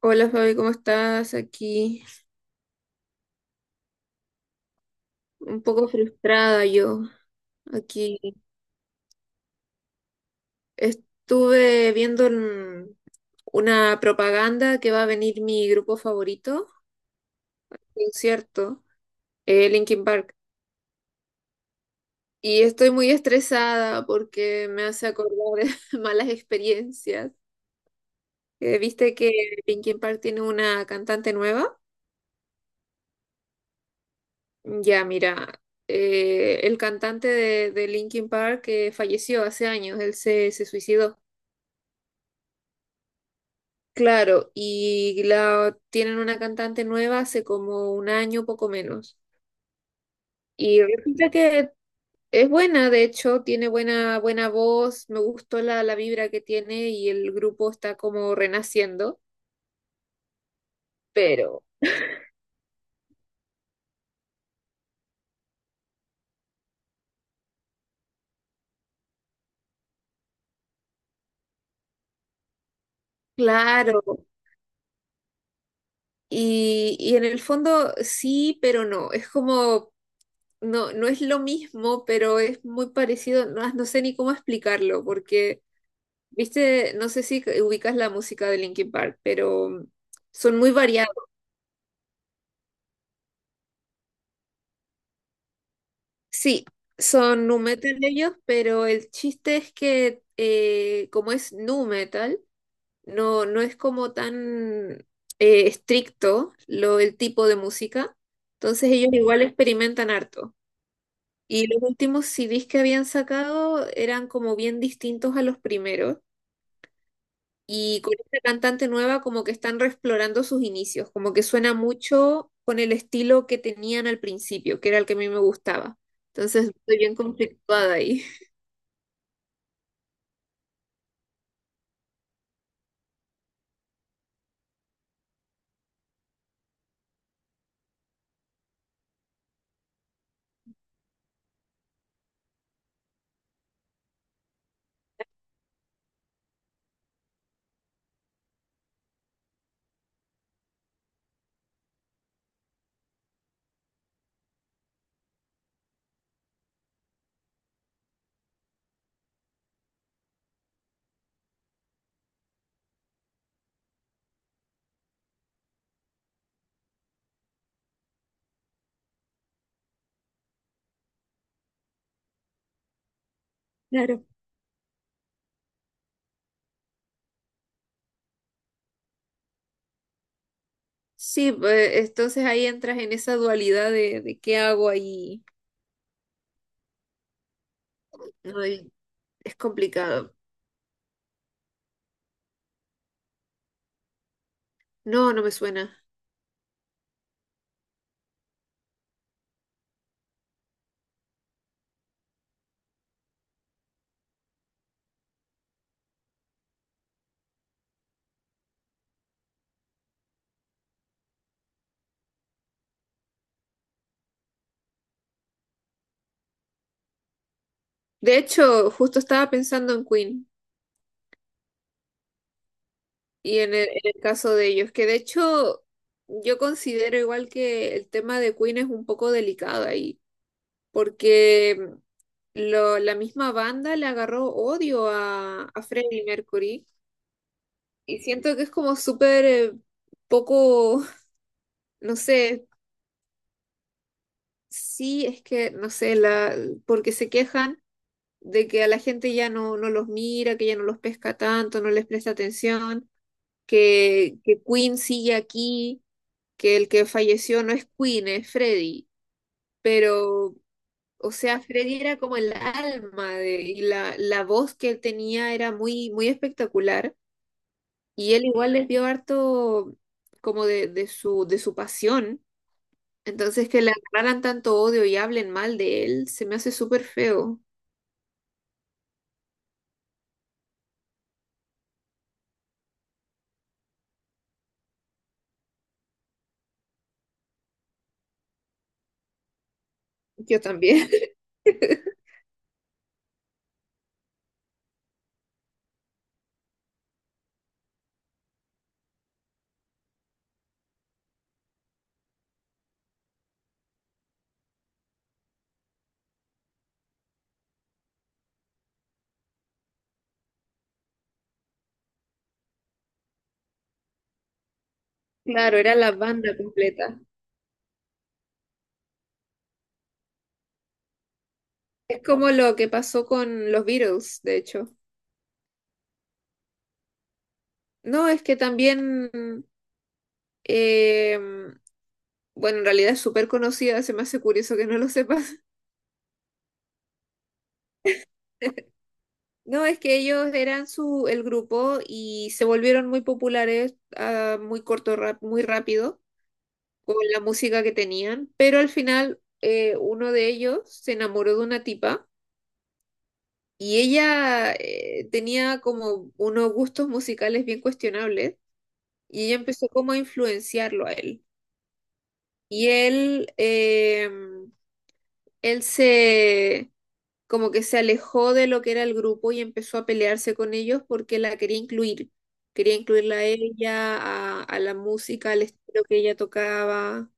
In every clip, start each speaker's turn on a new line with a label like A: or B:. A: Hola Fabi, ¿cómo estás? Aquí un poco frustrada yo. Aquí estuve viendo en una propaganda que va a venir mi grupo favorito, concierto, Linkin Park. Y estoy muy estresada porque me hace acordar malas experiencias. ¿Viste que Linkin Park tiene una cantante nueva? Ya, mira, el cantante de Linkin Park que falleció hace años, él se suicidó. Claro, y tienen una cantante nueva hace como un año, poco menos. Y resulta que es buena, de hecho, tiene buena, buena voz, me gustó la vibra que tiene y el grupo está como renaciendo, pero claro, y en el fondo sí, pero no, es como, no, no es lo mismo, pero es muy parecido, no, no sé ni cómo explicarlo, porque, viste, no sé si ubicas la música de Linkin Park, pero son muy variadas. Sí, son nu metal ellos, pero el chiste es que como es nu metal, no, no es como tan estricto el tipo de música, entonces ellos igual experimentan harto. Y los últimos CDs que habían sacado eran como bien distintos a los primeros. Y con esta cantante nueva como que están reexplorando sus inicios, como que suena mucho con el estilo que tenían al principio, que era el que a mí me gustaba. Entonces estoy bien conflictuada ahí. Claro. Sí, pues, entonces ahí entras en esa dualidad de qué hago ahí. Ay, es complicado. No, no me suena. De hecho, justo estaba pensando en Queen y en el caso de ellos, que de hecho yo considero igual que el tema de Queen es un poco delicado ahí, porque la misma banda le agarró odio a Freddie Mercury y siento que es como súper poco, no sé. Sí, es que, no sé, porque se quejan de que a la gente ya no, no los mira, que ya no los pesca tanto, no les presta atención, que Queen sigue aquí, que el que falleció no es Queen, es Freddy. Pero, o sea, Freddy era como el alma de, y la voz que él tenía era muy, muy espectacular. Y él igual les dio harto como de su pasión. Entonces, que le agarraran tanto odio y hablen mal de él, se me hace súper feo. Yo también. Claro, era la banda completa. Es como lo que pasó con los Beatles, de hecho. No, es que también, eh, bueno, en realidad es súper conocida, se me hace curioso que no lo sepas. No, es que ellos eran el grupo y se volvieron muy populares a muy corto, muy rápido con la música que tenían, pero al final uno de ellos se enamoró de una tipa. Y ella tenía como unos gustos musicales bien cuestionables y ella empezó como a influenciarlo a él. Y él, él se, como que se alejó de lo que era el grupo y empezó a pelearse con ellos porque la quería incluir. Quería incluirla a ella, a la música, al estilo que ella tocaba.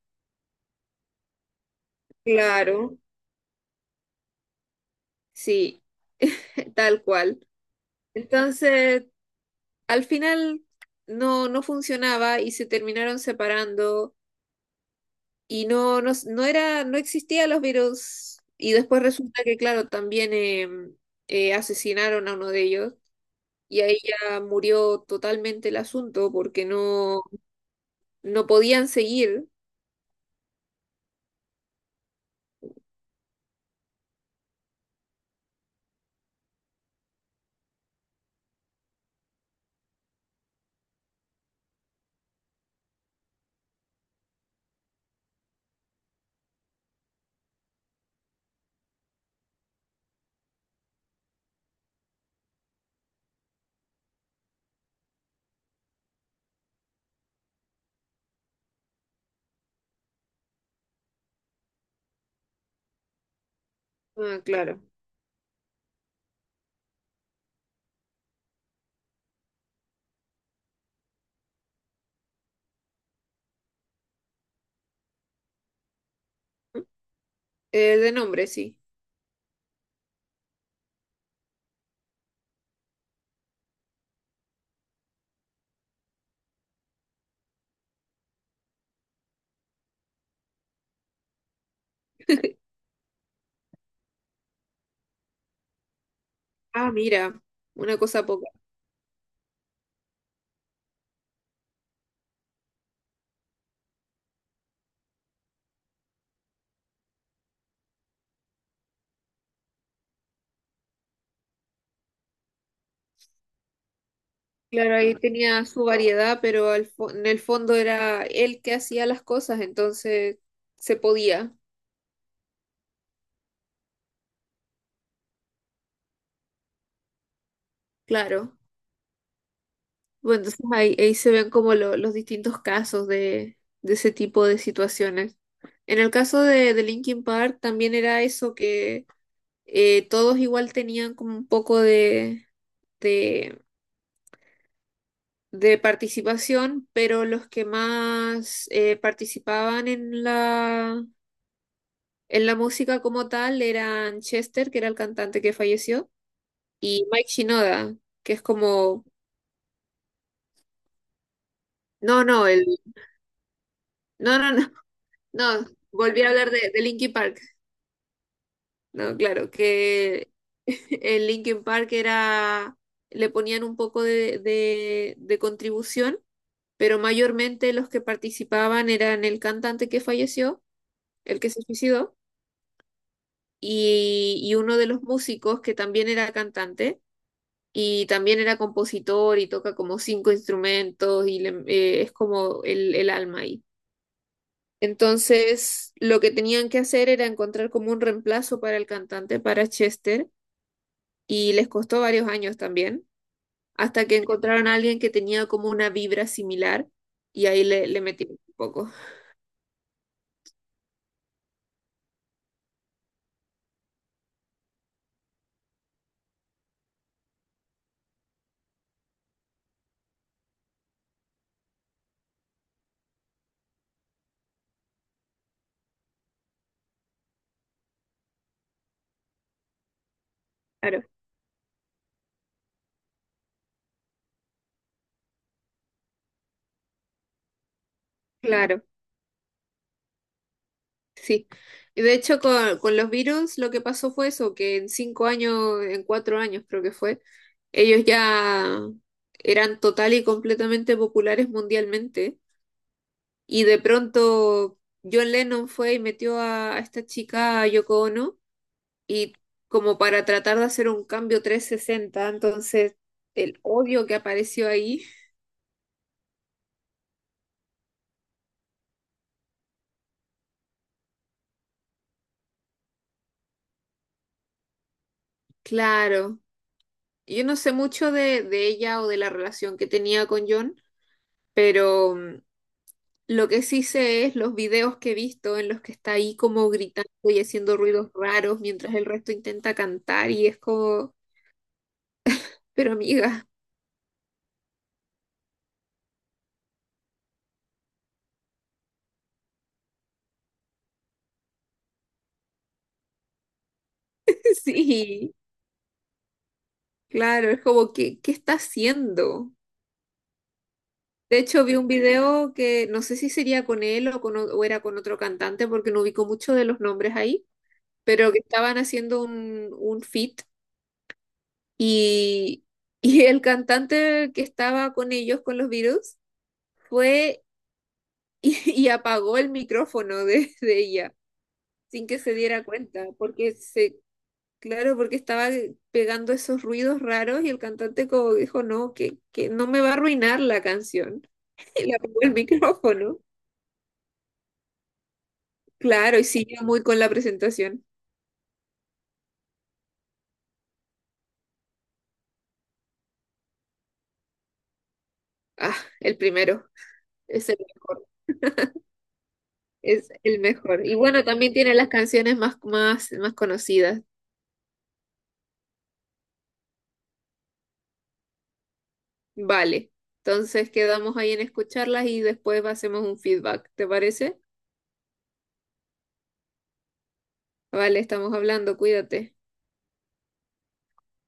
A: Claro, sí, tal cual. Entonces al final no, no funcionaba y se terminaron separando y no, no, no era, no existía los virus. Y después resulta que, claro, también asesinaron a uno de ellos y ahí ya murió totalmente el asunto porque no, no podían seguir. Ah, claro. De nombre, sí. Ah, mira, una cosa poca. Claro, ahí tenía su variedad, pero en el fondo era él que hacía las cosas, entonces se podía. Claro. Bueno, entonces ahí se ven como los distintos casos de ese tipo de situaciones. En el caso de Linkin Park también era eso que todos igual tenían como un poco de, de participación, pero los que más participaban en la música como tal eran Chester, que era el cantante que falleció, y Mike Shinoda, que es como. No, no, el. No, no, no, no, volví a hablar de Linkin Park. No, claro, que en Linkin Park era, le ponían un poco de contribución, pero mayormente los que participaban eran el cantante que falleció, el que se suicidó, y uno de los músicos que también era cantante y también era compositor y toca como cinco instrumentos y es como el alma ahí. Entonces, lo que tenían que hacer era encontrar como un reemplazo para el cantante, para Chester y les costó varios años también, hasta que encontraron a alguien que tenía como una vibra similar y ahí le metimos un poco. Claro, claro, sí. Y de hecho con los virus lo que pasó fue eso, que en 5 años, en 4 años creo que fue, ellos ya eran total y completamente populares mundialmente y de pronto John Lennon fue y metió a esta chica, a Yoko Ono, y como para tratar de hacer un cambio 360 entonces el odio que apareció ahí, claro, yo no sé mucho de ella o de la relación que tenía con John, pero lo que sí sé es los videos que he visto en los que está ahí como gritando y haciendo ruidos raros mientras el resto intenta cantar y es como, pero amiga, sí, claro, es como, ¿qué está haciendo? De hecho, vi un video que no sé si sería con él o, o era con otro cantante, porque no ubico mucho de los nombres ahí, pero que estaban haciendo un feat y, y el cantante que estaba con ellos, con los Beatles, fue y apagó el micrófono de ella sin que se diera cuenta, claro, porque estaba pegando esos ruidos raros y el cantante como dijo, no, que no me va a arruinar la canción. Y le apagó el micrófono. Claro, y sigue muy con la presentación. Ah, el primero, es el mejor, es el mejor. Y bueno, también tiene las canciones más, más, más conocidas. Vale, entonces quedamos ahí en escucharlas y después hacemos un feedback, ¿te parece? Vale, estamos hablando, cuídate.